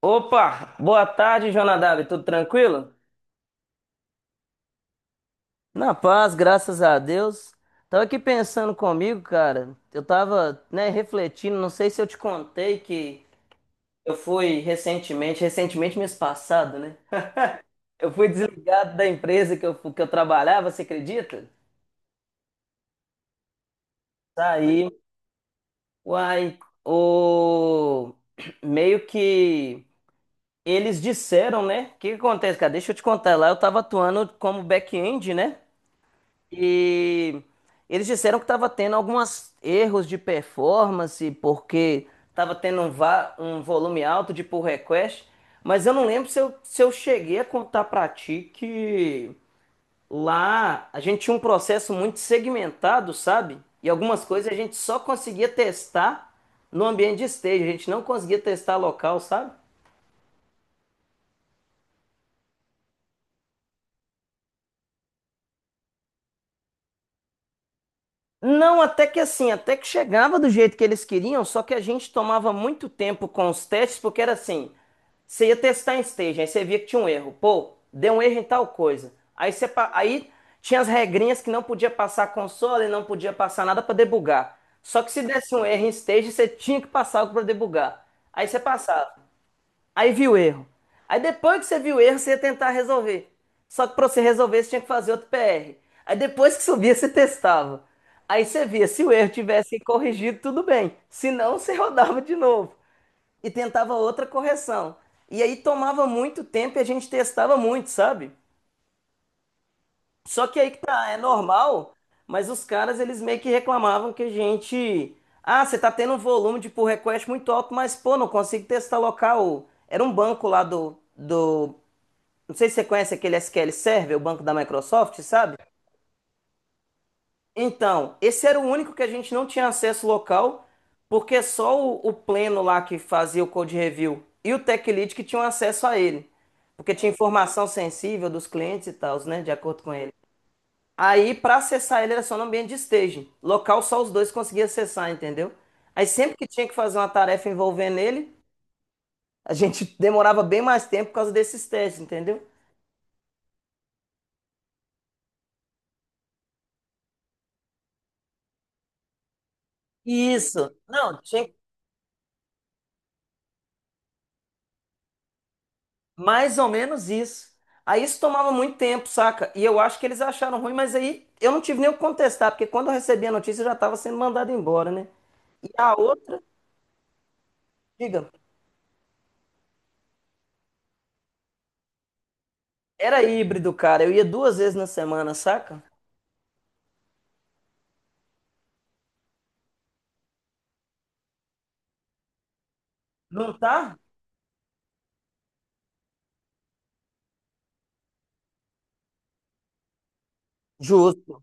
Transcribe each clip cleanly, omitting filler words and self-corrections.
Opa, boa tarde, Jonadab, tudo tranquilo? Na paz, graças a Deus. Tava aqui pensando comigo, cara. Eu tava, né, refletindo, não sei se eu te contei que eu fui recentemente, recentemente mês passado, né? Eu fui desligado da empresa que que eu trabalhava, você acredita? Saí, uai, o meio que eles disseram, né? O que que acontece, cara? Deixa eu te contar lá, eu tava atuando como back-end, né? E eles disseram que estava tendo alguns erros de performance, porque estava tendo um volume alto de pull request, mas eu não lembro se eu cheguei a contar para ti que lá a gente tinha um processo muito segmentado, sabe? E algumas coisas a gente só conseguia testar no ambiente de stage, a gente não conseguia testar local, sabe? Não, até que assim, até que chegava do jeito que eles queriam, só que a gente tomava muito tempo com os testes, porque era assim, você ia testar em stage, aí você via que tinha um erro, pô, deu um erro em tal coisa. Aí tinha as regrinhas que não podia passar console, não podia passar nada para debugar. Só que se desse um erro em stage, você tinha que passar algo para debugar. Aí você passava. Aí viu o erro. Aí depois que você viu o erro, você ia tentar resolver. Só que para você resolver, você tinha que fazer outro PR. Aí depois que subia, você testava. Aí você via, se o erro tivesse corrigido, tudo bem. Se não, você rodava de novo e tentava outra correção. E aí tomava muito tempo e a gente testava muito, sabe? Só que aí que tá, é normal, mas os caras eles meio que reclamavam que a gente, ah, você tá tendo um volume de pull request muito alto, mas pô, não consigo testar local. Era um banco lá do não sei se você conhece aquele SQL Server, o banco da Microsoft, sabe? Então, esse era o único que a gente não tinha acesso local, porque só o pleno lá que fazia o code review e o tech lead que tinham acesso a ele, porque tinha informação sensível dos clientes e tal, né, de acordo com ele. Aí, para acessar ele, era só no ambiente de staging. Local, só os dois conseguiam acessar, entendeu? Aí, sempre que tinha que fazer uma tarefa envolvendo ele, a gente demorava bem mais tempo por causa desses testes, entendeu? Isso. Não, tinha. Mais ou menos isso. Aí isso tomava muito tempo, saca? E eu acho que eles acharam ruim, mas aí eu não tive nem o que contestar, porque quando eu recebi a notícia eu já estava sendo mandado embora, né? E a outra, diga, era híbrido, cara. Eu ia 2 vezes na semana, saca? Não tá? Justo.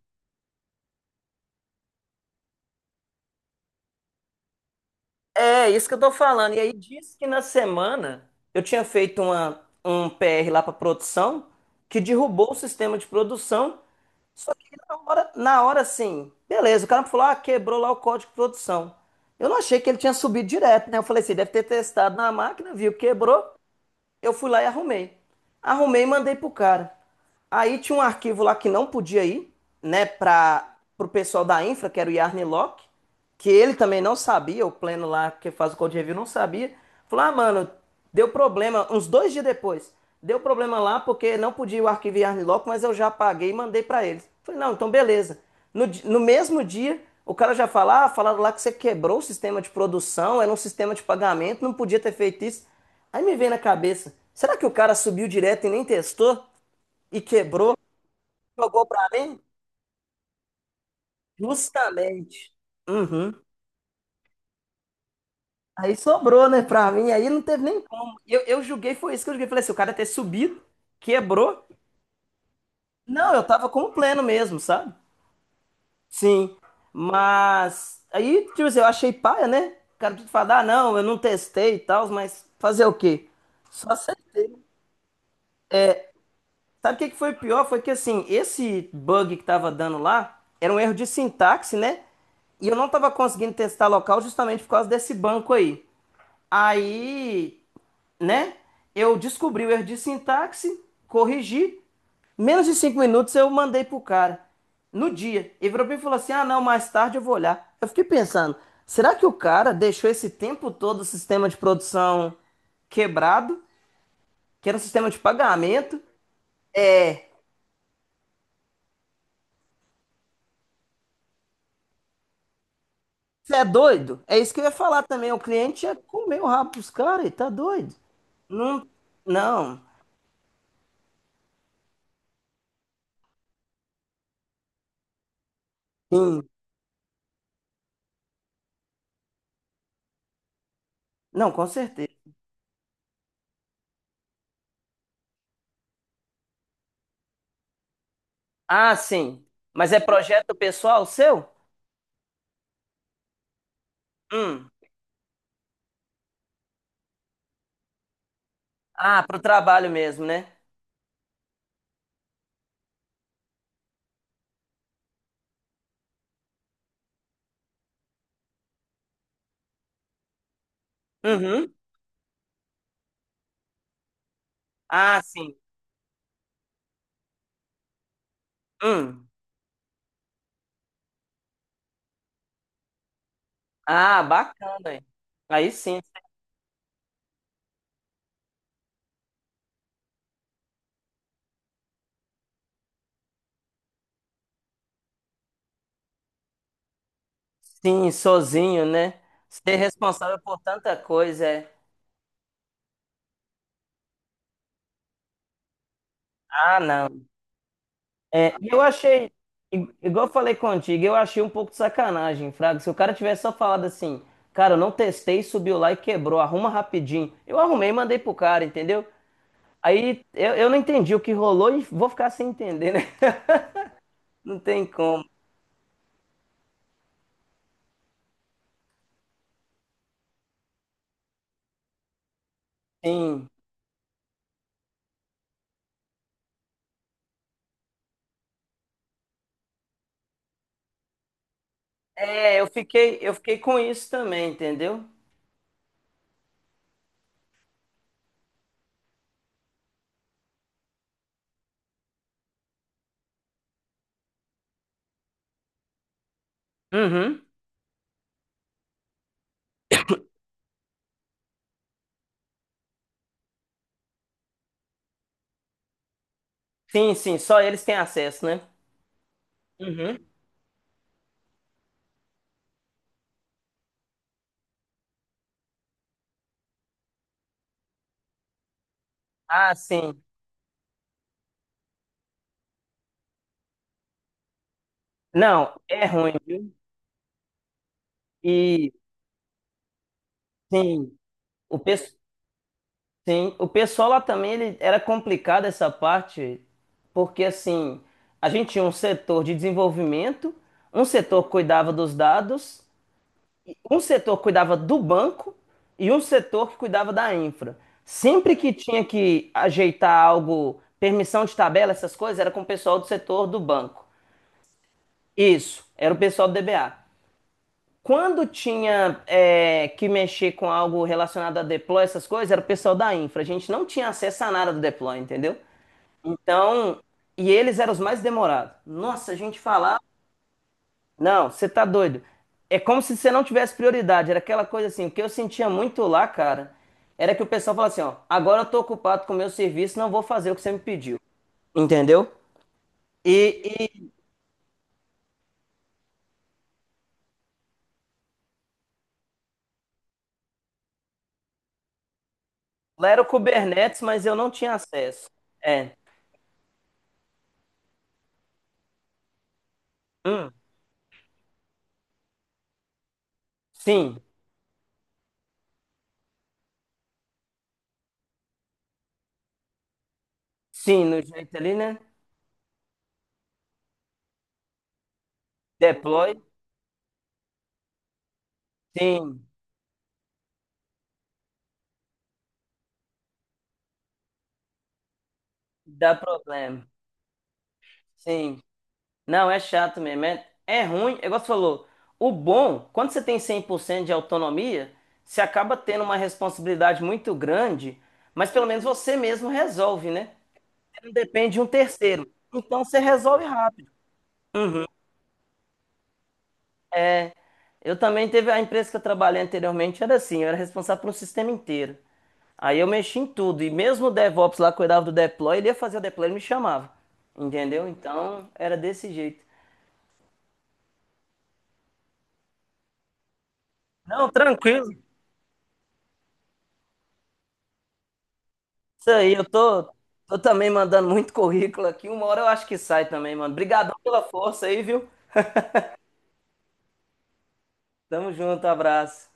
É isso que eu tô falando. E aí disse que na semana eu tinha feito uma, um PR lá pra produção que derrubou o sistema de produção. Só que na hora sim beleza, o cara me falou, ah, quebrou lá o código de produção. Eu não achei que ele tinha subido direto, né? Eu falei assim, deve ter testado na máquina, viu, quebrou. Eu fui lá e arrumei. Arrumei e mandei pro cara. Aí tinha um arquivo lá que não podia ir, né, para pro pessoal da infra, que era o Yarn Locke, que ele também não sabia, o pleno lá que faz o code review não sabia. Falou: "Ah, mano, deu problema uns dois dias depois. Deu problema lá porque não podia o arquivo Yarn Locke, mas eu já paguei e mandei para eles". Falei: "Não, então beleza". No mesmo dia, o cara já fala, ah, falaram lá que você quebrou o sistema de produção, era um sistema de pagamento, não podia ter feito isso. Aí me veio na cabeça, será que o cara subiu direto e nem testou? E quebrou? Jogou pra mim? Justamente. Uhum. Aí sobrou, né, pra mim, aí não teve nem como. Eu julguei, foi isso que eu julguei. Falei assim, o cara ter subido, quebrou. Não, eu tava com o pleno mesmo, sabe? Sim, mas aí, tipo assim, eu achei paia, né? O cara tudo fala, ah, não, eu não testei e tal, mas fazer o quê? Só aceitei. Sabe o que que foi pior? Foi que assim, esse bug que tava dando lá era um erro de sintaxe, né? E eu não tava conseguindo testar local justamente por causa desse banco aí. Aí, né? Eu descobri o erro de sintaxe, corrigi. Menos de 5 minutos eu mandei pro cara. No dia. Ele virou pra mim e falou assim: Ah, não, mais tarde eu vou olhar. Eu fiquei pensando, será que o cara deixou esse tempo todo o sistema de produção quebrado? Que era um sistema de pagamento? É. Você é doido? É isso que eu ia falar também. O cliente ia comer o rabo dos caras, ele tá doido? Não, não, sim, não, com certeza. Ah, sim. Mas é projeto pessoal seu? Hum. Ah, pro trabalho mesmo, né? Uhum. Ah, sim. Hum. Ah, bacana, hein? Aí sim. Sim, sozinho, né? Ser responsável por tanta coisa, é. Ah, não. É, e eu achei, igual eu falei contigo, eu achei um pouco de sacanagem, Fraga. Se o cara tivesse só falado assim, cara, eu não testei, subiu lá e quebrou, arruma rapidinho. Eu arrumei e mandei pro cara, entendeu? Aí eu não entendi o que rolou e vou ficar sem entender, né? Não tem como. Sim. É, eu fiquei com isso também, entendeu? Uhum. Sim, sim, só eles têm acesso, né? Uhum. Ah, sim. Não, é ruim. E sim, o pessoal. Sim, o pessoal lá também ele, era complicado essa parte, porque assim, a gente tinha um setor de desenvolvimento, um setor que cuidava dos dados, e um setor que cuidava do banco e um setor que cuidava da infra. Sempre que tinha que ajeitar algo, permissão de tabela, essas coisas, era com o pessoal do setor do banco. Isso, era o pessoal do DBA. Quando tinha é, que mexer com algo relacionado a deploy, essas coisas, era o pessoal da infra. A gente não tinha acesso a nada do deploy, entendeu? Então, e eles eram os mais demorados. Nossa, a gente falava. Não, você tá doido. É como se você não tivesse prioridade. Era aquela coisa assim, o que eu sentia muito lá, cara, era que o pessoal falava assim, ó, agora eu tô ocupado com o meu serviço, não vou fazer o que você me pediu. Entendeu? E lá era o Kubernetes, mas eu não tinha acesso. É. Hum, sim, sim, no jeito ali, né? Deploy? Sim, dá problema. Sim. Não, é chato mesmo. É, é ruim, é igual você falou. O bom, quando você tem 100% de autonomia, você acaba tendo uma responsabilidade muito grande, mas pelo menos você mesmo resolve, né? Você não depende de um terceiro. Então você resolve rápido. Eu também teve a empresa que eu trabalhei anteriormente, era assim, eu era responsável por um sistema inteiro. Aí eu mexi em tudo, e mesmo o DevOps lá cuidava do deploy, ele ia fazer o deploy, ele me chamava. Entendeu? Então era desse jeito. Não, tranquilo. Isso aí, eu tô, tô também mandando muito currículo aqui. Uma hora eu acho que sai também, mano. Obrigadão pela força aí, viu? Tamo junto, abraço.